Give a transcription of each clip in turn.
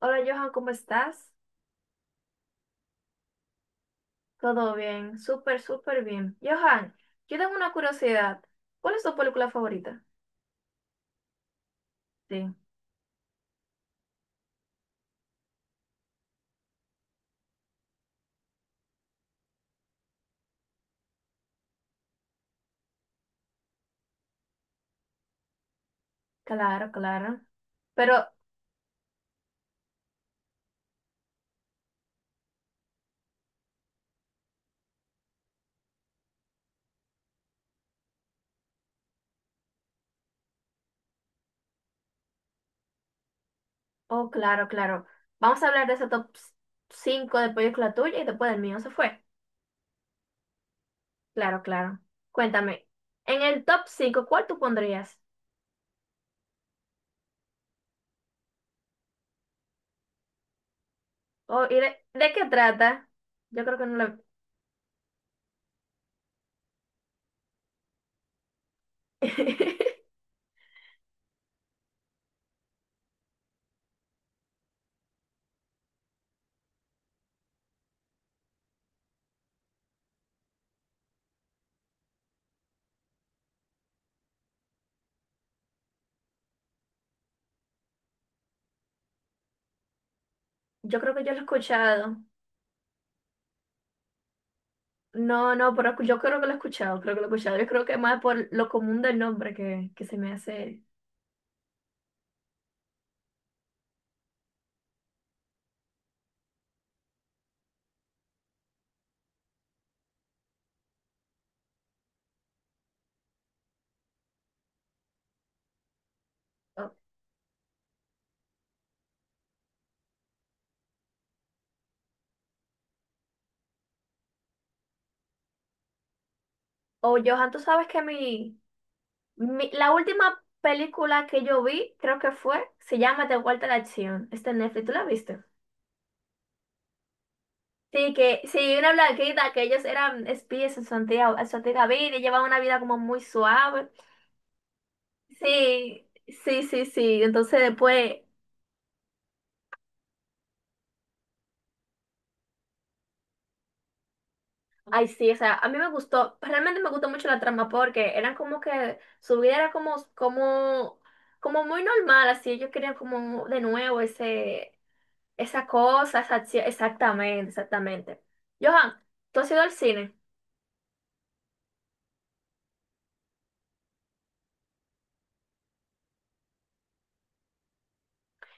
Hola Johan, ¿cómo estás? Todo bien, súper, súper bien. Johan, yo tengo una curiosidad. ¿Cuál es tu película favorita? Sí, claro, claro. Pero, oh, claro, claro. Vamos a hablar de ese top 5, de película tuya y después del mío se fue. Claro, claro. Cuéntame, en el top 5, ¿cuál tú pondrías? Oh, ¿y de qué trata? Yo creo que no lo... Yo creo que yo lo he escuchado. No, no, pero yo creo que lo he escuchado, creo que lo he escuchado. Yo creo que más por lo común del nombre que se me hace. O oh, Johan, tú sabes que mi, la última película que yo vi, creo que fue, se llama De vuelta a la acción. Está en Netflix, ¿tú la viste? Sí, que sí, una blanquita, que ellos eran espías en su antigua vida y llevaban una vida como muy suave. Sí, sí, sí, sí. Entonces después, ay, sí, o sea, a mí me gustó, realmente me gustó mucho la trama porque eran como que su vida era como, como, como muy normal, así ellos querían como de nuevo ese, esa cosa, esa acción, exactamente, exactamente. Johan, tú has ido al cine,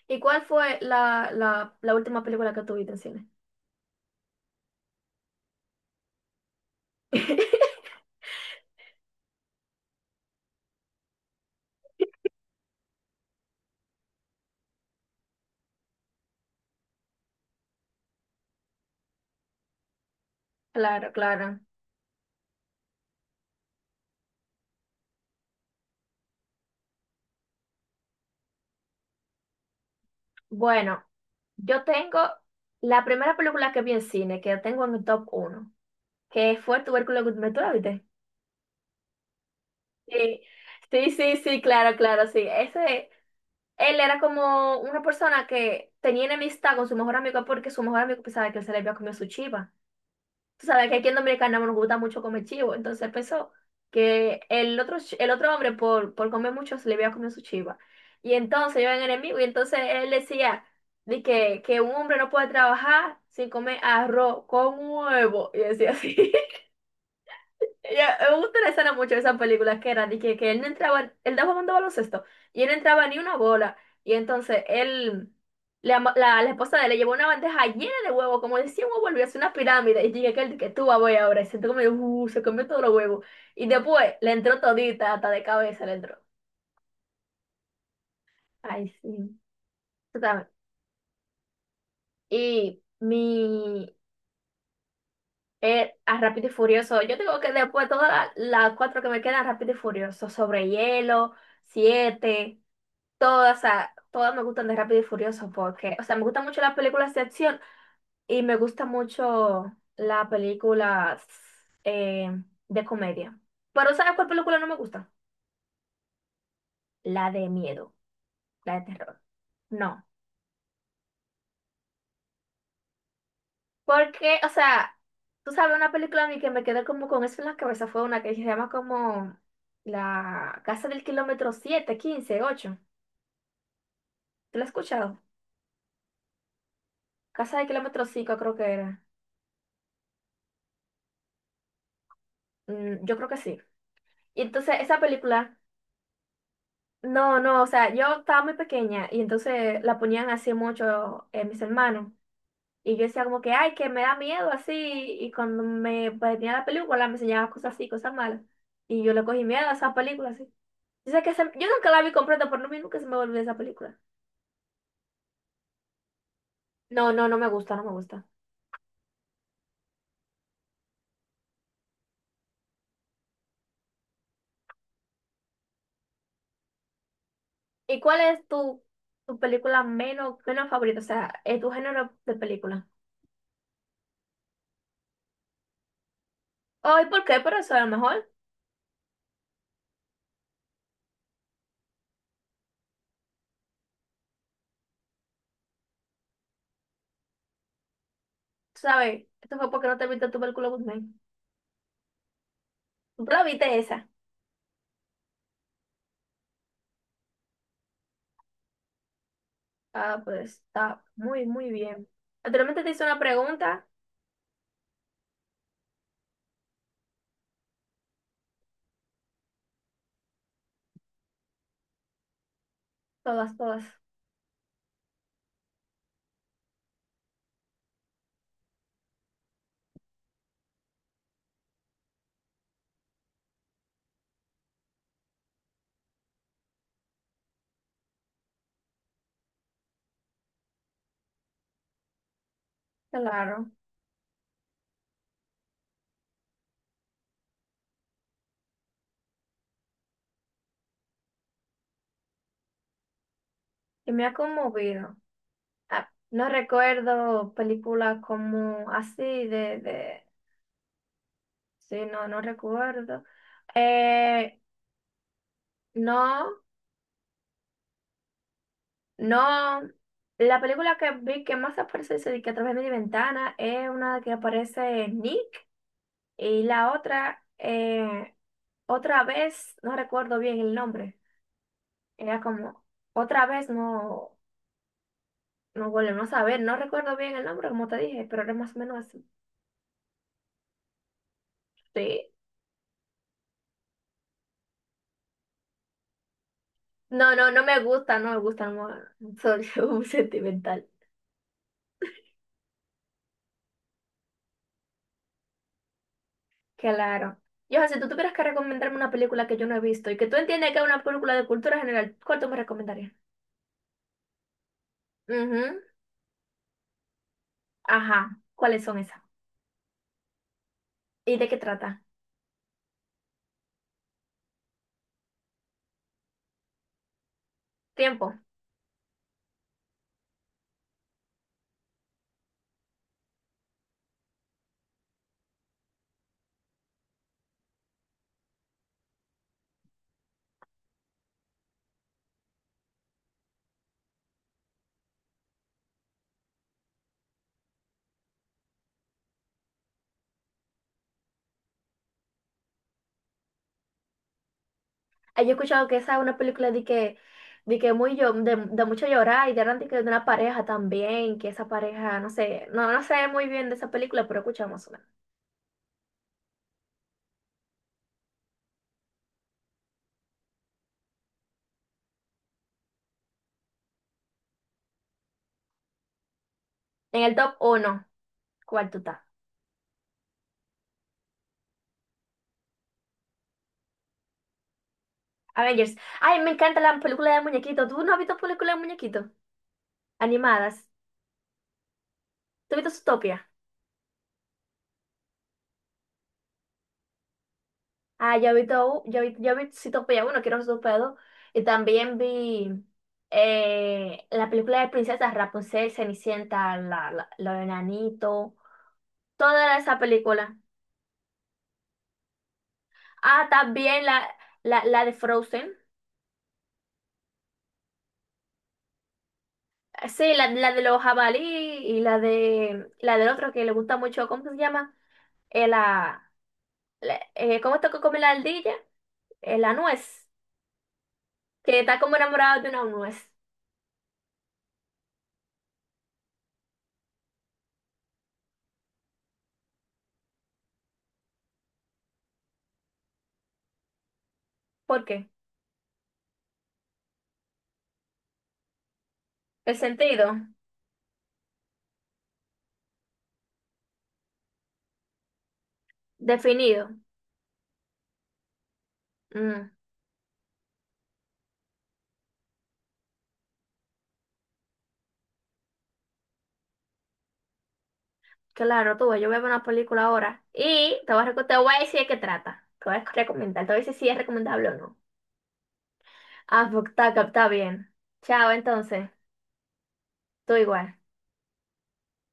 ¿y cuál fue la última película que tuviste en cine? Claro, claro. Bueno, yo tengo la primera película que vi en cine, que tengo en mi top uno que fue Tubérculo Gourmet, ¿tú la viste? Sí, sí, sí, sí, claro, claro, sí. Ese, él era como una persona que tenía enemistad con su mejor amigo porque su mejor amigo pensaba que él se le había comido su chiva. Tú sabes que aquí en Dominicana nos gusta mucho comer chivo, entonces pensó que el otro, el otro hombre por comer mucho se le había comido su chiva. Y entonces yo era enemigo y entonces él decía de que un hombre no puede trabajar sin comer arroz con huevo. Y decía así. Ya me gusta la escena mucho de esas películas que era de que él no entraba, él estaba jugando baloncesto y él no entraba ni una bola. Y entonces él, la, la esposa de él le llevó una bandeja llena de huevos, como decía, huevo, volvió a hacer una pirámide. Y dije que él, que tú vas voy ahora. Y siento como, se comió todos los huevos. Y después le entró todita, hasta de cabeza le entró. Ay, sí. Tú sabes. Y mi, a Rápido y Furioso, yo tengo que después las cuatro que me quedan, Rápido y Furioso, sobre hielo, siete. Todas, o sea, todas me gustan de Rápido y Furioso porque, o sea, me gustan mucho las películas de acción y me gusta mucho las películas eh, de comedia. Pero ¿sabes cuál película no me gusta? La de miedo, la de terror. No. Porque, o sea, tú sabes, una película a mí que me quedé como con eso en la cabeza fue una que se llama como La Casa del Kilómetro siete, quince, ocho. ¿Te la has escuchado? Casa del Kilómetro 5 creo que era. Mm, yo creo que sí. Y entonces esa película... No, no, o sea, yo estaba muy pequeña y entonces la ponían así mucho mis hermanos. Y yo decía como que, ay, que me da miedo así. Y cuando me ponía la película me enseñaba cosas así, cosas malas. Y yo le cogí miedo a esa película así. Yo sé que yo nunca la vi completa, pero no, vi nunca se me olvidó esa película. No, no, no me gusta, no me gusta. ¿Y cuál es tu, tu película menos, menos favorita? O sea, tu género de película. Oh, ¿y por qué? Pero eso a lo mejor, tú ¿sabes? Esto fue porque no te viste tu película Guzmán. ¿Tú la viste esa? Ah, pues está muy, muy bien. Anteriormente te hice una pregunta, todas, todas, claro, que me ha conmovido. Ah, no recuerdo películas como así de, sí, no, no recuerdo. Eh, no, no, la película que vi que más aparece dice de que a través de mi ventana es una que aparece Nick y la otra, otra vez, no recuerdo bien el nombre, era como... Otra vez no, no volvemos a ver, no recuerdo bien el nombre, como te dije, pero era más o menos así. Sí. No, no, no me gusta, no me gusta, no, soy un sentimental. Claro. Yo, si tú tuvieras que recomendarme una película que yo no he visto y que tú entiendes que es una película de cultura general, ¿cuál tú me recomendarías? Ujú. Ajá. ¿Cuáles son esas? ¿Y de qué trata? Tiempo. Ah, yo he escuchado que esa es una película de que muy de mucho llorar y de que de una pareja también, que esa pareja, no sé, no, no sé muy bien de esa película, pero escuchamos una. En el top 1. ¿Cuál tú estás? Avengers. Ay, me encanta la película de muñequitos. ¿Tú no has visto películas de muñequitos? Animadas. ¿Tú has visto Zootopia? Ah, yo he visto, yo he, visto, yo he visto Zootopia 1, quiero Zootopia 2. Y también vi la película de princesas, Rapunzel, Cenicienta, la, los enanitos. Toda esa película. Ah, también la de Frozen. Sí, la de los jabalí y la de la del otro que le gusta mucho, ¿cómo se llama? Eh, la, ¿Cómo esto que come la ardilla? La nuez, que está como enamorado de una nuez. ¿Por qué? El sentido, definido. Mm, claro, tú, ves, yo voy a ver una película ahora y te voy a, te voy a decir de qué trata. Te voy a recomendar, te voy a decir si es recomendable o no. Ah, pues, está, está bien. Chao, entonces, tú igual.